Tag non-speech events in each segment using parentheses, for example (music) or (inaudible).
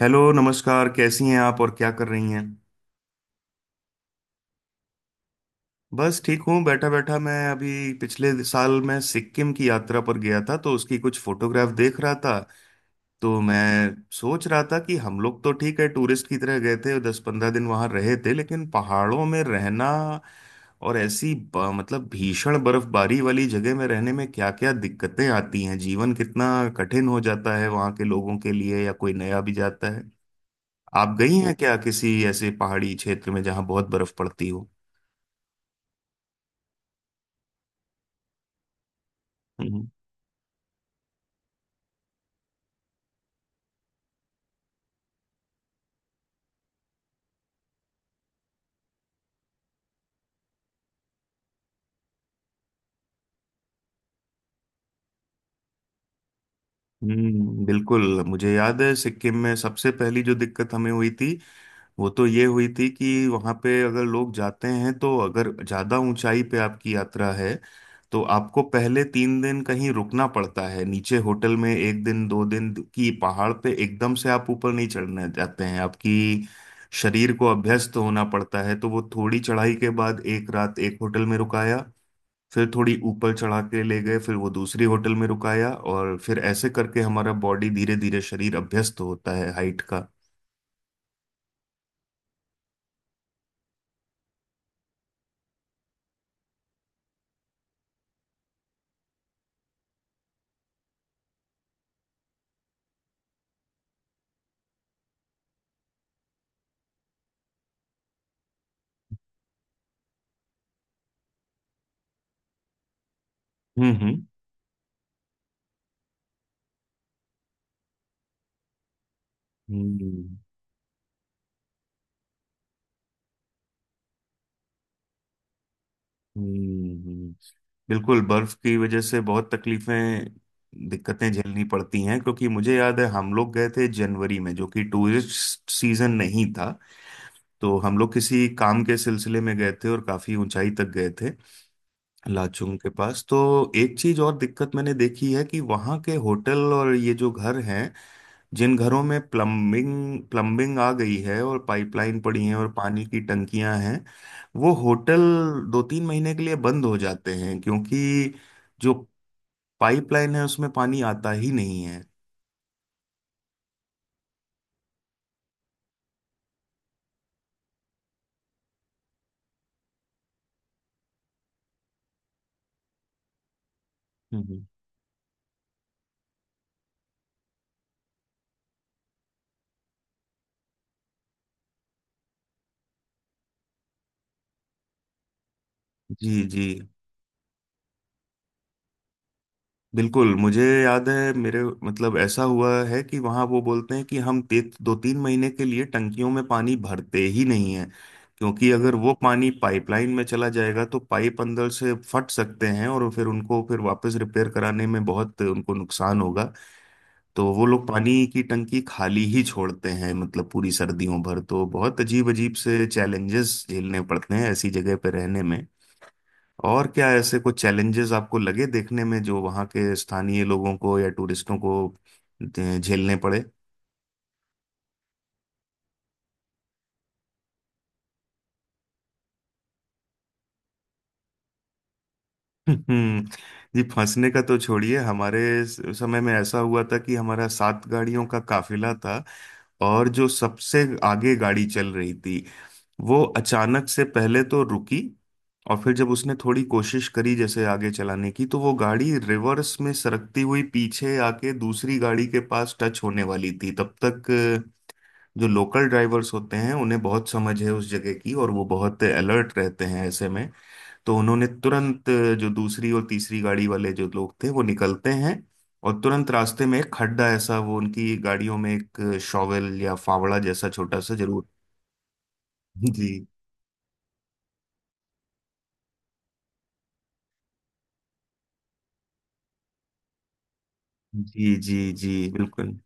Hello. नमस्कार, कैसी हैं आप और क्या कर रही हैं। बस ठीक हूँ। बैठा बैठा मैं अभी पिछले साल मैं सिक्किम की यात्रा पर गया था, तो उसकी कुछ फोटोग्राफ देख रहा था। तो मैं सोच रहा था कि हम लोग तो ठीक है टूरिस्ट की तरह गए थे, दस पंद्रह दिन वहाँ रहे थे, लेकिन पहाड़ों में रहना और ऐसी मतलब भीषण बर्फबारी वाली जगह में रहने में क्या क्या दिक्कतें आती हैं, जीवन कितना कठिन हो जाता है वहाँ के लोगों के लिए या कोई नया भी जाता है। आप गई हैं क्या किसी ऐसे पहाड़ी क्षेत्र में जहां बहुत बर्फ पड़ती हो? हम्म, बिल्कुल मुझे याद है सिक्किम में सबसे पहली जो दिक्कत हमें हुई थी, वो तो ये हुई थी कि वहां पे अगर लोग जाते हैं, तो अगर ज्यादा ऊंचाई पे आपकी यात्रा है तो आपको पहले तीन दिन कहीं रुकना पड़ता है नीचे होटल में, एक दिन दो दिन की पहाड़ पे। एकदम से आप ऊपर नहीं चढ़ने जाते हैं। आपकी शरीर को अभ्यस्त होना पड़ता है, तो वो थोड़ी चढ़ाई के बाद एक रात एक होटल में रुकाया, फिर थोड़ी ऊपर चढ़ा के ले गए, फिर वो दूसरी होटल में रुकाया, और फिर ऐसे करके हमारा बॉडी धीरे धीरे शरीर अभ्यस्त होता है हाइट का। हम्म। हम्म। हम्म। हम्म, हम्म। बिल्कुल बर्फ की वजह से बहुत तकलीफें दिक्कतें झेलनी पड़ती हैं, क्योंकि मुझे याद है हम लोग गए थे जनवरी में, जो कि टूरिस्ट सीजन नहीं था। तो हम लोग किसी काम के सिलसिले में गए थे और काफी ऊंचाई तक गए थे, लाचुंग के पास। तो एक चीज और दिक्कत मैंने देखी है कि वहाँ के होटल और ये जो घर हैं, जिन घरों में प्लम्बिंग प्लम्बिंग आ गई है और पाइपलाइन पड़ी है और पानी की टंकियां हैं, वो होटल दो तीन महीने के लिए बंद हो जाते हैं, क्योंकि जो पाइपलाइन है उसमें पानी आता ही नहीं है। हम्म। जी। जी, बिल्कुल मुझे याद है मेरे मतलब ऐसा हुआ है कि वहाँ वो बोलते हैं कि दो तीन महीने के लिए टंकियों में पानी भरते ही नहीं है, क्योंकि अगर वो पानी पाइपलाइन में चला जाएगा तो पाइप अंदर से फट सकते हैं और फिर उनको फिर वापस रिपेयर कराने में बहुत उनको नुकसान होगा। तो वो लोग पानी की टंकी खाली ही छोड़ते हैं मतलब पूरी सर्दियों भर, तो बहुत अजीब अजीब से चैलेंजेस झेलने पड़ते हैं ऐसी जगह पर रहने में। और क्या ऐसे कुछ चैलेंजेस आपको लगे देखने में जो वहाँ के स्थानीय लोगों को या टूरिस्टों को अ, झेलने पड़े? हम्म, जी, फंसने का तो छोड़िए, हमारे समय में ऐसा हुआ था कि हमारा सात गाड़ियों का काफिला था, और जो सबसे आगे गाड़ी चल रही थी वो अचानक से पहले तो रुकी। और फिर जब उसने थोड़ी कोशिश करी जैसे आगे चलाने की, तो वो गाड़ी रिवर्स में सरकती हुई पीछे आके दूसरी गाड़ी के पास टच होने वाली थी। तब तक जो लोकल ड्राइवर्स होते हैं, उन्हें बहुत समझ है उस जगह की और वो बहुत अलर्ट रहते हैं ऐसे में। तो उन्होंने तुरंत जो दूसरी और तीसरी गाड़ी वाले जो लोग थे, वो निकलते हैं, और तुरंत रास्ते में एक खड्डा ऐसा वो उनकी गाड़ियों में एक शॉवेल या फावड़ा जैसा छोटा सा जरूर। जी। जी। जी। जी, बिल्कुल।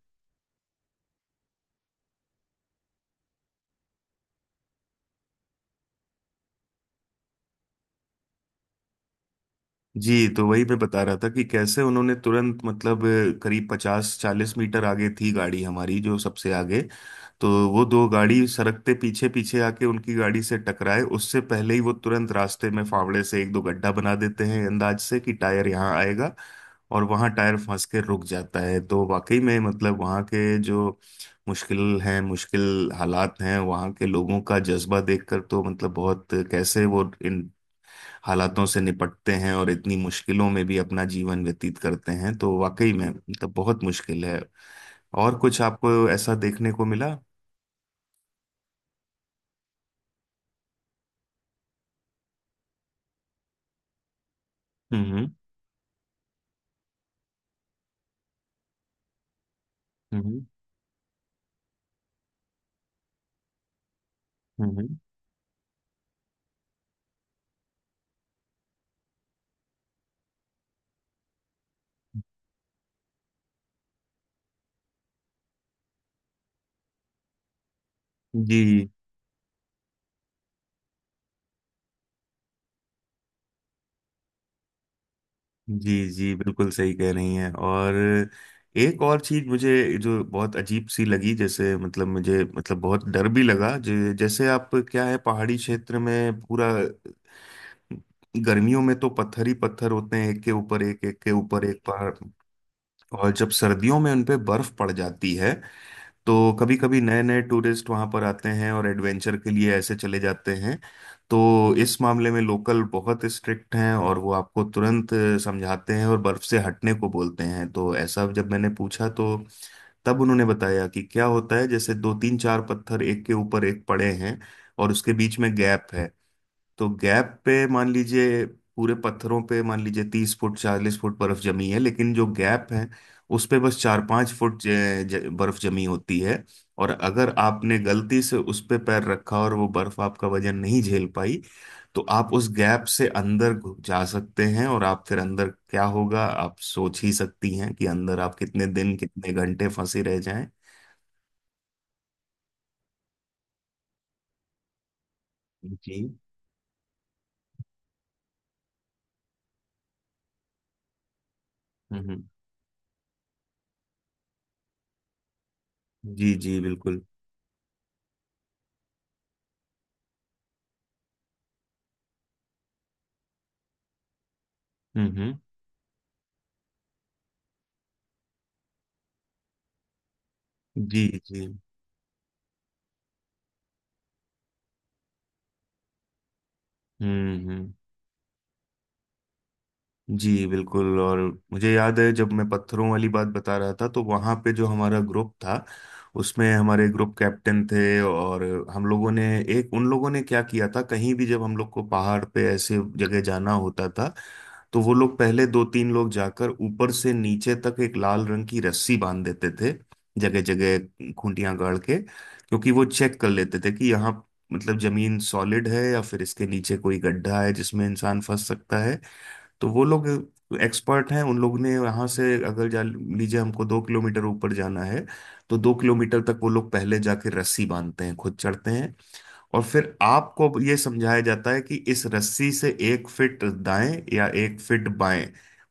जी, तो वही मैं बता रहा था कि कैसे उन्होंने तुरंत मतलब करीब पचास चालीस मीटर आगे थी गाड़ी हमारी जो सबसे आगे। तो वो दो गाड़ी सरकते पीछे पीछे आके उनकी गाड़ी से टकराए, उससे पहले ही वो तुरंत रास्ते में फावड़े से एक दो गड्ढा बना देते हैं अंदाज से कि टायर यहाँ आएगा, और वहाँ टायर फंस के रुक जाता है। तो वाकई में मतलब वहाँ के जो मुश्किल हैं, मुश्किल हालात हैं वहाँ के, लोगों का जज्बा देखकर तो मतलब बहुत कैसे वो हालातों से निपटते हैं और इतनी मुश्किलों में भी अपना जीवन व्यतीत करते हैं, तो वाकई में मतलब बहुत मुश्किल है। और कुछ आपको ऐसा देखने को मिला? हम्म। हम्म। हम्म। हम्म। जी। जी। जी, बिल्कुल सही कह रही हैं। और एक और चीज मुझे जो बहुत अजीब सी लगी, जैसे मतलब मुझे मतलब बहुत डर भी लगा, जैसे आप क्या है पहाड़ी क्षेत्र में, पूरा गर्मियों में तो पत्थर ही पत्थर होते हैं एक के ऊपर एक एक के ऊपर एक पहाड़, और जब सर्दियों में उन पे बर्फ पड़ जाती है तो कभी कभी नए नए टूरिस्ट वहां पर आते हैं और एडवेंचर के लिए ऐसे चले जाते हैं। तो इस मामले में लोकल बहुत स्ट्रिक्ट हैं और वो आपको तुरंत समझाते हैं और बर्फ से हटने को बोलते हैं। तो ऐसा जब मैंने पूछा, तो तब उन्होंने बताया कि क्या होता है, जैसे दो तीन चार पत्थर एक के ऊपर एक पड़े हैं, और उसके बीच में गैप है। तो गैप पे मान लीजिए, पूरे पत्थरों पे मान लीजिए 30 फुट 40 फुट बर्फ जमी है, लेकिन जो गैप है उस पे बस चार पांच फुट बर्फ जमी होती है। और अगर आपने गलती से उस पे पैर रखा और वो बर्फ आपका वजन नहीं झेल पाई, तो आप उस गैप से अंदर जा सकते हैं, और आप फिर अंदर क्या होगा आप सोच ही सकती हैं कि अंदर आप कितने दिन कितने घंटे फंसे रह जाएं। जी। हम्म। जी। जी, बिल्कुल। हम्म। हम्म। जी। जी। हम्म। हम्म। जी, बिल्कुल। और मुझे याद है, जब मैं पत्थरों वाली बात बता रहा था, तो वहाँ पे जो हमारा ग्रुप था उसमें हमारे ग्रुप कैप्टन थे, और हम लोगों ने एक उन लोगों ने क्या किया था, कहीं भी जब हम लोग को पहाड़ पे ऐसे जगह जाना होता था तो वो लोग पहले दो तीन लोग जाकर ऊपर से नीचे तक एक लाल रंग की रस्सी बांध देते थे, जगह जगह खूंटियां गाड़ के, क्योंकि वो चेक कर लेते थे कि यहाँ मतलब जमीन सॉलिड है या फिर इसके नीचे कोई गड्ढा है जिसमें इंसान फंस सकता है। तो वो लोग एक्सपर्ट हैं। उन लोग ने वहां से अगर जा लीजिए हमको दो किलोमीटर ऊपर जाना है, तो दो किलोमीटर तक वो लोग पहले जाके रस्सी बांधते हैं, खुद चढ़ते हैं, और फिर आपको ये समझाया जाता है कि इस रस्सी से एक फिट दाएं या एक फिट बाएं,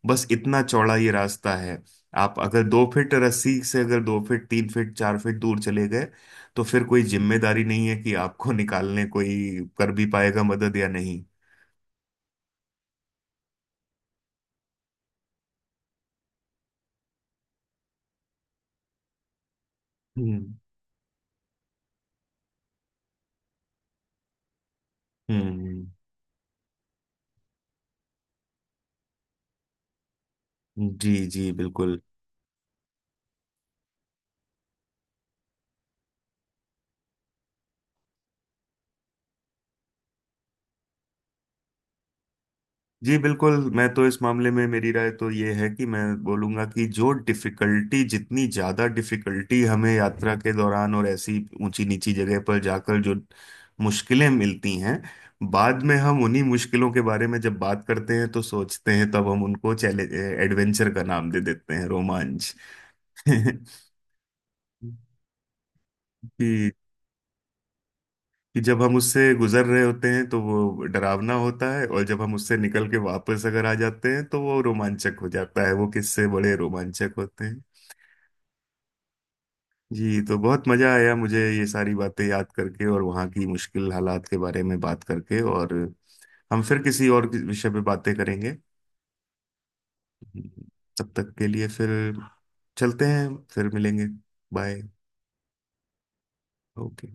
बस इतना चौड़ा ये रास्ता है। आप अगर दो फीट रस्सी से अगर दो फीट तीन फीट चार फीट दूर चले गए, तो फिर कोई जिम्मेदारी नहीं है कि आपको निकालने कोई कर भी पाएगा मदद या नहीं। हम्म। हम्म। जी। जी, बिल्कुल। जी, बिल्कुल। मैं तो इस मामले में मेरी राय तो ये है कि मैं बोलूंगा कि जो डिफिकल्टी, जितनी ज़्यादा डिफिकल्टी हमें यात्रा के दौरान और ऐसी ऊंची नीची जगह पर जाकर जो मुश्किलें मिलती हैं, बाद में हम उन्हीं मुश्किलों के बारे में जब बात करते हैं तो सोचते हैं, तब हम उनको चैलेंज एडवेंचर का नाम दे देते हैं, रोमांच। (laughs) जी, कि जब हम उससे गुजर रहे होते हैं तो वो डरावना होता है, और जब हम उससे निकल के वापस अगर आ जाते हैं तो वो रोमांचक हो जाता है। वो किस्से बड़े रोमांचक होते हैं। जी, तो बहुत मजा आया मुझे ये सारी बातें याद करके और वहाँ की मुश्किल हालात के बारे में बात करके। और हम फिर किसी और विषय पे बातें करेंगे। तब तक के लिए फिर चलते हैं। फिर मिलेंगे। बाय। ओके।